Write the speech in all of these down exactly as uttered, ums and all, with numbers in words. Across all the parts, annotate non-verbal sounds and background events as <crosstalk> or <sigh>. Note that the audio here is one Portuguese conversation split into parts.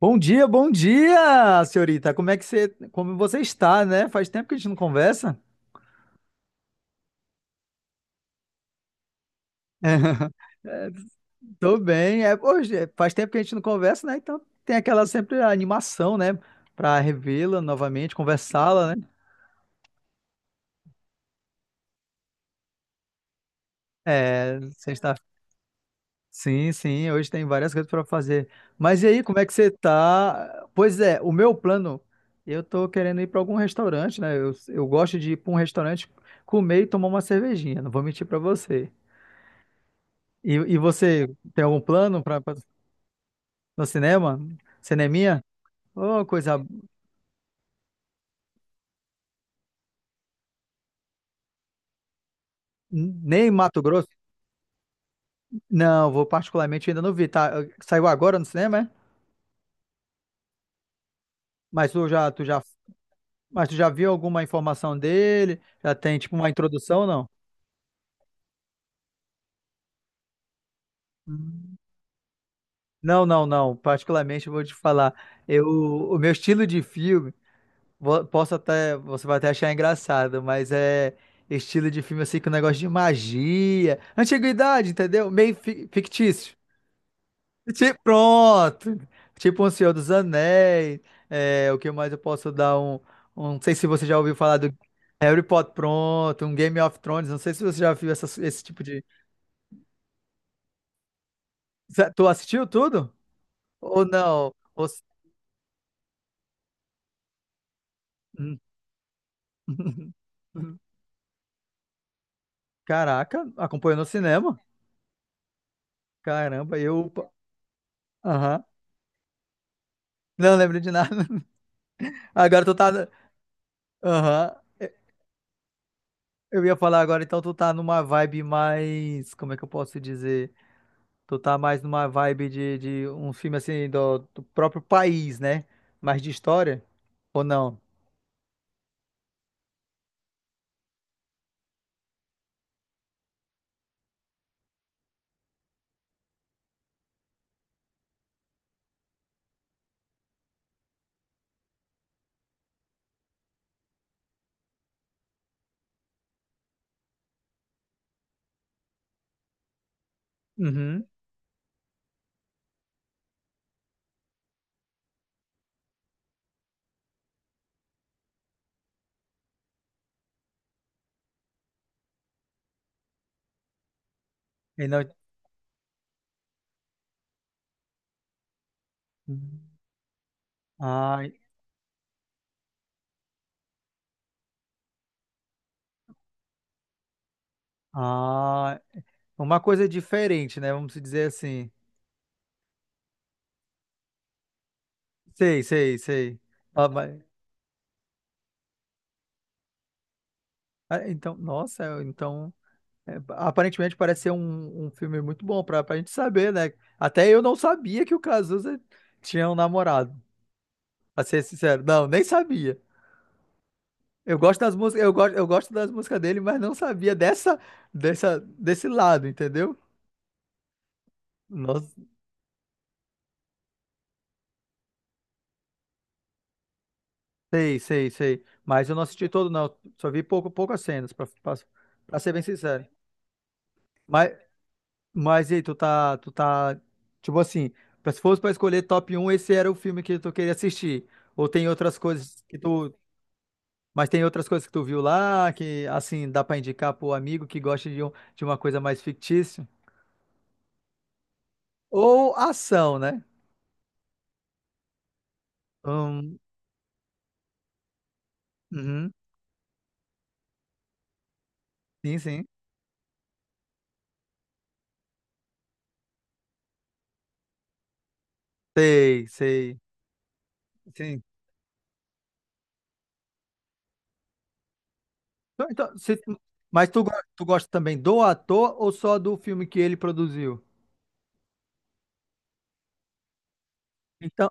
Bom dia, bom dia, senhorita. Como é que você, como você está, né? Faz tempo que a gente não conversa. <laughs> É, tô bem. É, hoje, é, faz tempo que a gente não conversa, né? Então tem aquela sempre animação, né? Para revê-la novamente, conversá-la, né? É, sexta. Sim, sim. Hoje tem várias coisas para fazer. Mas e aí, como é que você tá? Pois é, o meu plano, eu tô querendo ir para algum restaurante, né? Eu, eu gosto de ir para um restaurante comer e tomar uma cervejinha. Não vou mentir para você. E, e você tem algum plano para no cinema? Cineminha? Oh, coisa. Nem Mato Grosso? Não, vou particularmente ainda não vi. Tá, saiu agora no cinema, é? Mas tu já, tu já, mas tu já viu alguma informação dele? Já tem tipo uma introdução ou não? Hum. Não, não, não. Particularmente eu vou te falar. Eu, o meu estilo de filme, vo- posso até, você vai até achar engraçado, mas é estilo de filme assim com negócio de magia, antiguidade, entendeu? Meio fi- fictício. Ti- Pronto. Tipo um Senhor dos Anéis. É, o que mais eu posso dar um, um- Não sei se você já ouviu falar do Harry Potter, pronto. Um Game of Thrones. Não sei se você já viu essas- esse tipo de. Zé, tu assistiu tudo? Ou não? Ou s- Hum. Hum. Caraca, acompanhou no cinema? Caramba, eu. Aham. Não lembro de nada. <laughs> Agora tu tá. Aham. Eu ia falar agora, então tu tá numa vibe mais. Como é que eu posso dizer? Tu tá mais numa vibe de, de um filme assim do, do próprio país, né? Mais de história? Ou não? Uhum. E não... Ah, ah, uma coisa diferente, né? Vamos dizer assim. Sei, sei, sei. Ah, mas- ah, então, nossa, então. É, aparentemente parece ser um, um filme muito bom pra, pra gente saber, né? Até eu não sabia que o Cazuza tinha um namorado. Pra ser sincero, não, nem sabia. Eu gosto das músicas, eu gosto, eu gosto das músicas dele, mas não sabia dessa, dessa, desse lado, entendeu? Nossa, sei, sei, sei. Mas eu não assisti todo, não. Só vi pouco, poucas cenas, pra, pra, pra ser bem sincero. Mas, mas e aí, tu tá, tu tá, tipo assim, pra- se fosse pra escolher top um, esse era o filme que tu queria assistir. Ou tem outras coisas que tu, mas tem outras coisas que tu viu lá, que, assim, dá pra indicar pro amigo que gosta de, um, de uma coisa mais fictícia. Ou ação, né? Hum, uhum, sim, sim. Sei, sei. Sim. Então, então, se tu- mas tu, go- tu gosta também do ator ou só do filme que ele produziu? Então,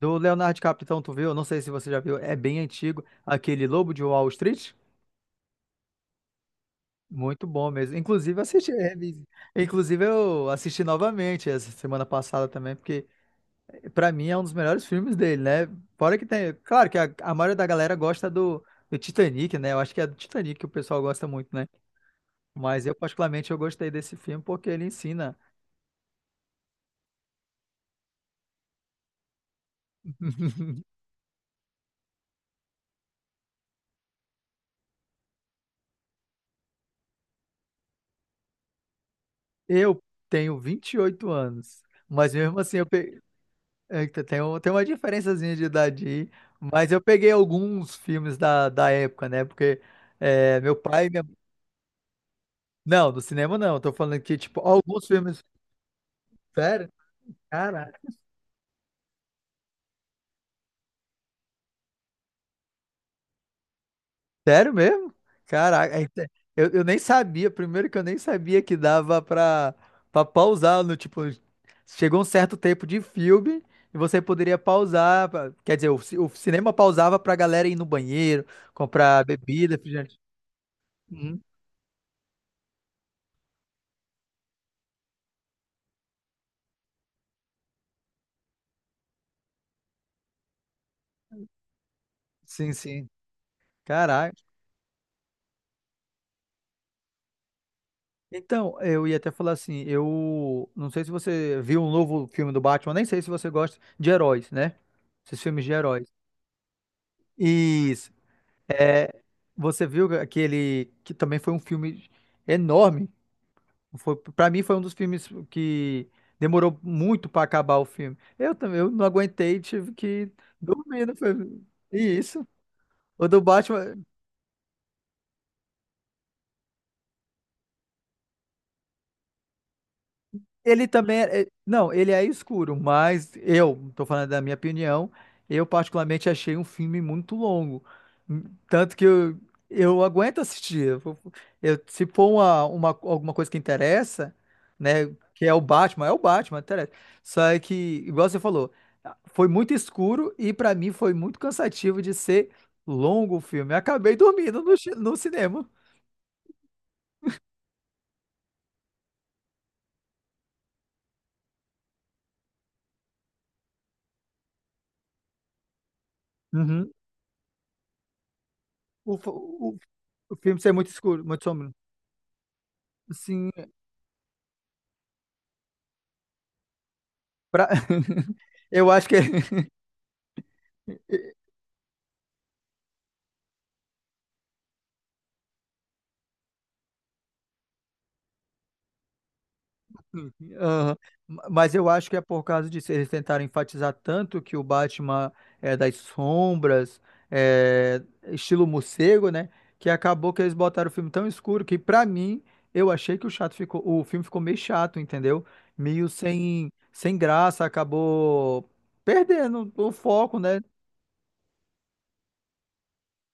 do Leonardo DiCaprio, então tu viu? Eu não sei se você já viu, é bem antigo, aquele Lobo de Wall Street. Muito bom mesmo. Inclusive, eu assisti, é, inclusive eu assisti novamente essa semana passada também, porque pra mim é um dos melhores filmes dele, né? Fora que tem, claro que a, a maioria da galera gosta do, do Titanic, né? Eu acho que é do Titanic que o pessoal gosta muito, né? Mas eu particularmente eu gostei desse filme porque ele ensina. Eu tenho vinte e oito anos, mas mesmo assim eu pe... Eita, tem um- tem uma diferençazinha de idade aí, mas eu peguei alguns filmes da, da época, né? Porque é, meu pai e minha... Não, no cinema não, eu tô falando que, tipo, alguns filmes... Sério? Sério mesmo? Caraca, é inte- eu, eu nem sabia. Primeiro que eu nem sabia que dava pra, pra pausar no tipo. Chegou um certo tempo de filme e você poderia pausar. pra- Quer dizer, o, ci- o cinema pausava pra galera ir no banheiro, comprar bebida, refrigerante. Uhum. Sim, sim. Caraca. Então, eu ia até falar assim, eu não sei se você viu um novo filme do Batman, nem sei se você gosta de heróis, né? Esses filmes de heróis. Isso. É, você viu aquele que também foi um filme enorme. Foi, para mim foi um dos filmes que demorou muito para acabar o filme. Eu também, eu não aguentei, tive que dormir no filme. E isso. O do Batman, ele também é, é- não, ele é escuro, mas eu, tô falando da minha opinião, eu particularmente achei um filme muito longo. Hum. Tanto que eu, eu, aguento assistir. Eu, vou- eu- se for uma, uma, alguma coisa que interessa, né, que é o Batman, é o Batman, interessa. Só é que, igual você falou, foi muito escuro e pra mim foi muito cansativo de ser longo o filme. Eu acabei dormindo no, chi- no cinema. Uhum. O, f- o, o filme ser muito escuro, muito sombrio. Sim, pra- Eu acho que. <laughs> Aham. Mas eu acho que é por causa disso. Eles tentaram enfatizar tanto que o Batman é das sombras, é estilo morcego, né? Que acabou que eles botaram o filme tão escuro que, pra mim, eu achei que o chato ficou, o filme ficou meio chato, entendeu? Meio sem, sem graça, acabou perdendo o foco, né?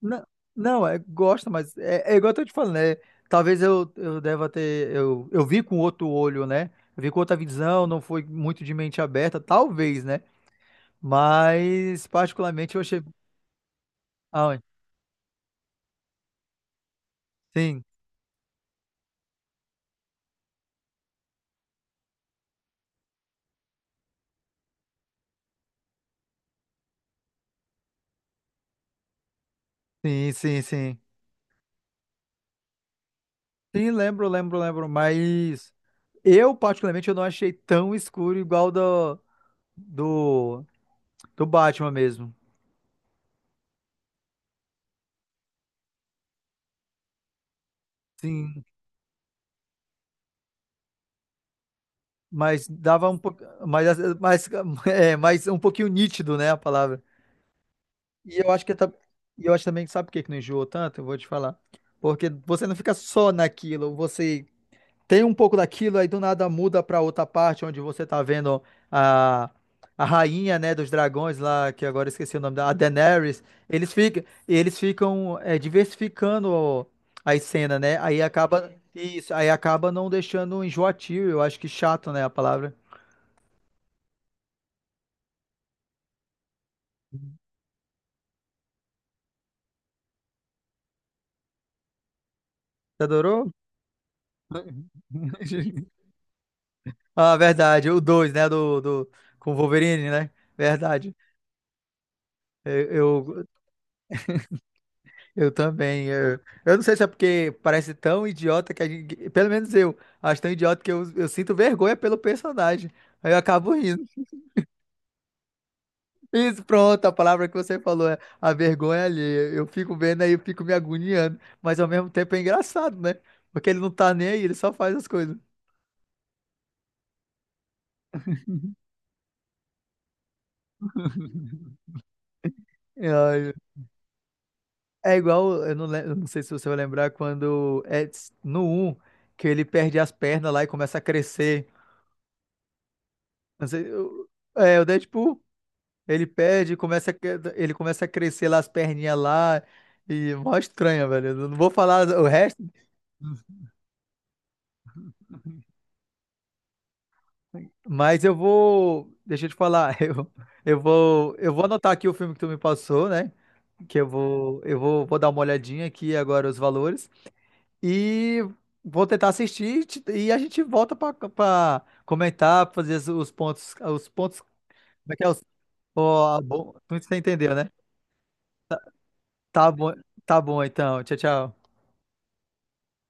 Não, não, é, gosta, mas é, é igual eu tô te falando, né? Talvez eu, eu deva ter. Eu, eu vi com outro olho, né? Eu vi com outra visão, não foi muito de mente aberta, talvez, né? Mas, particularmente, eu achei. Aonde? Sim, sim, sim, sim. Sim, lembro, lembro, lembro. Mas eu, particularmente, eu não achei tão escuro igual do, do, do Batman mesmo. Sim, mas dava um pouco. Mas, mas, <laughs> é, mas um pouquinho nítido, né? A palavra. E eu acho que tam- e eu acho também que sabe por que que não enjoou tanto? Eu vou te falar. Porque você não fica só naquilo, você tem um pouco daquilo, aí do nada muda pra outra parte onde você tá vendo a, a rainha, né, dos dragões lá, que agora eu esqueci o nome da, a Daenerys. Eles ficam, eles ficam é, diversificando as cenas, né? Aí acaba isso, aí acaba não deixando enjoativo, eu acho que chato, né, a palavra. Você adorou? <laughs> Ah, verdade. O dois, né? Do, do, com o Wolverine, né? Verdade. Eu, eu, eu também. Eu, eu não sei se é porque parece tão idiota que a gente, pelo menos eu, acho tão idiota que eu, eu sinto vergonha pelo personagem. Aí eu acabo rindo. Isso, pronto, a palavra que você falou é a vergonha alheia. Eu fico vendo aí, eu fico me agoniando. Mas ao mesmo tempo é engraçado, né? Porque ele não tá nem aí, ele só faz as coisas. <laughs> Ai, é igual, eu não, lem- eu não sei se você vai lembrar quando é s- no um que ele perde as pernas lá e começa a crescer. Não sei, eu- é, o Deadpool, ele perde, começa a, cre- ele começa a crescer lá as perninhas lá e mó estranha, velho. Eu não vou falar o resto, mas eu vou, deixa eu te falar, <laughs> eu, eu vou, eu vou anotar aqui o filme que tu me passou, né? Que eu vou, eu vou, vou dar uma olhadinha aqui agora os valores. E vou tentar assistir e te- e a gente volta para comentar, fazer os os pontos, os pontos, como é que é? Os, ó, a bo- tu entendeu, né? Tá bom, tá bom então. Tchau, tchau.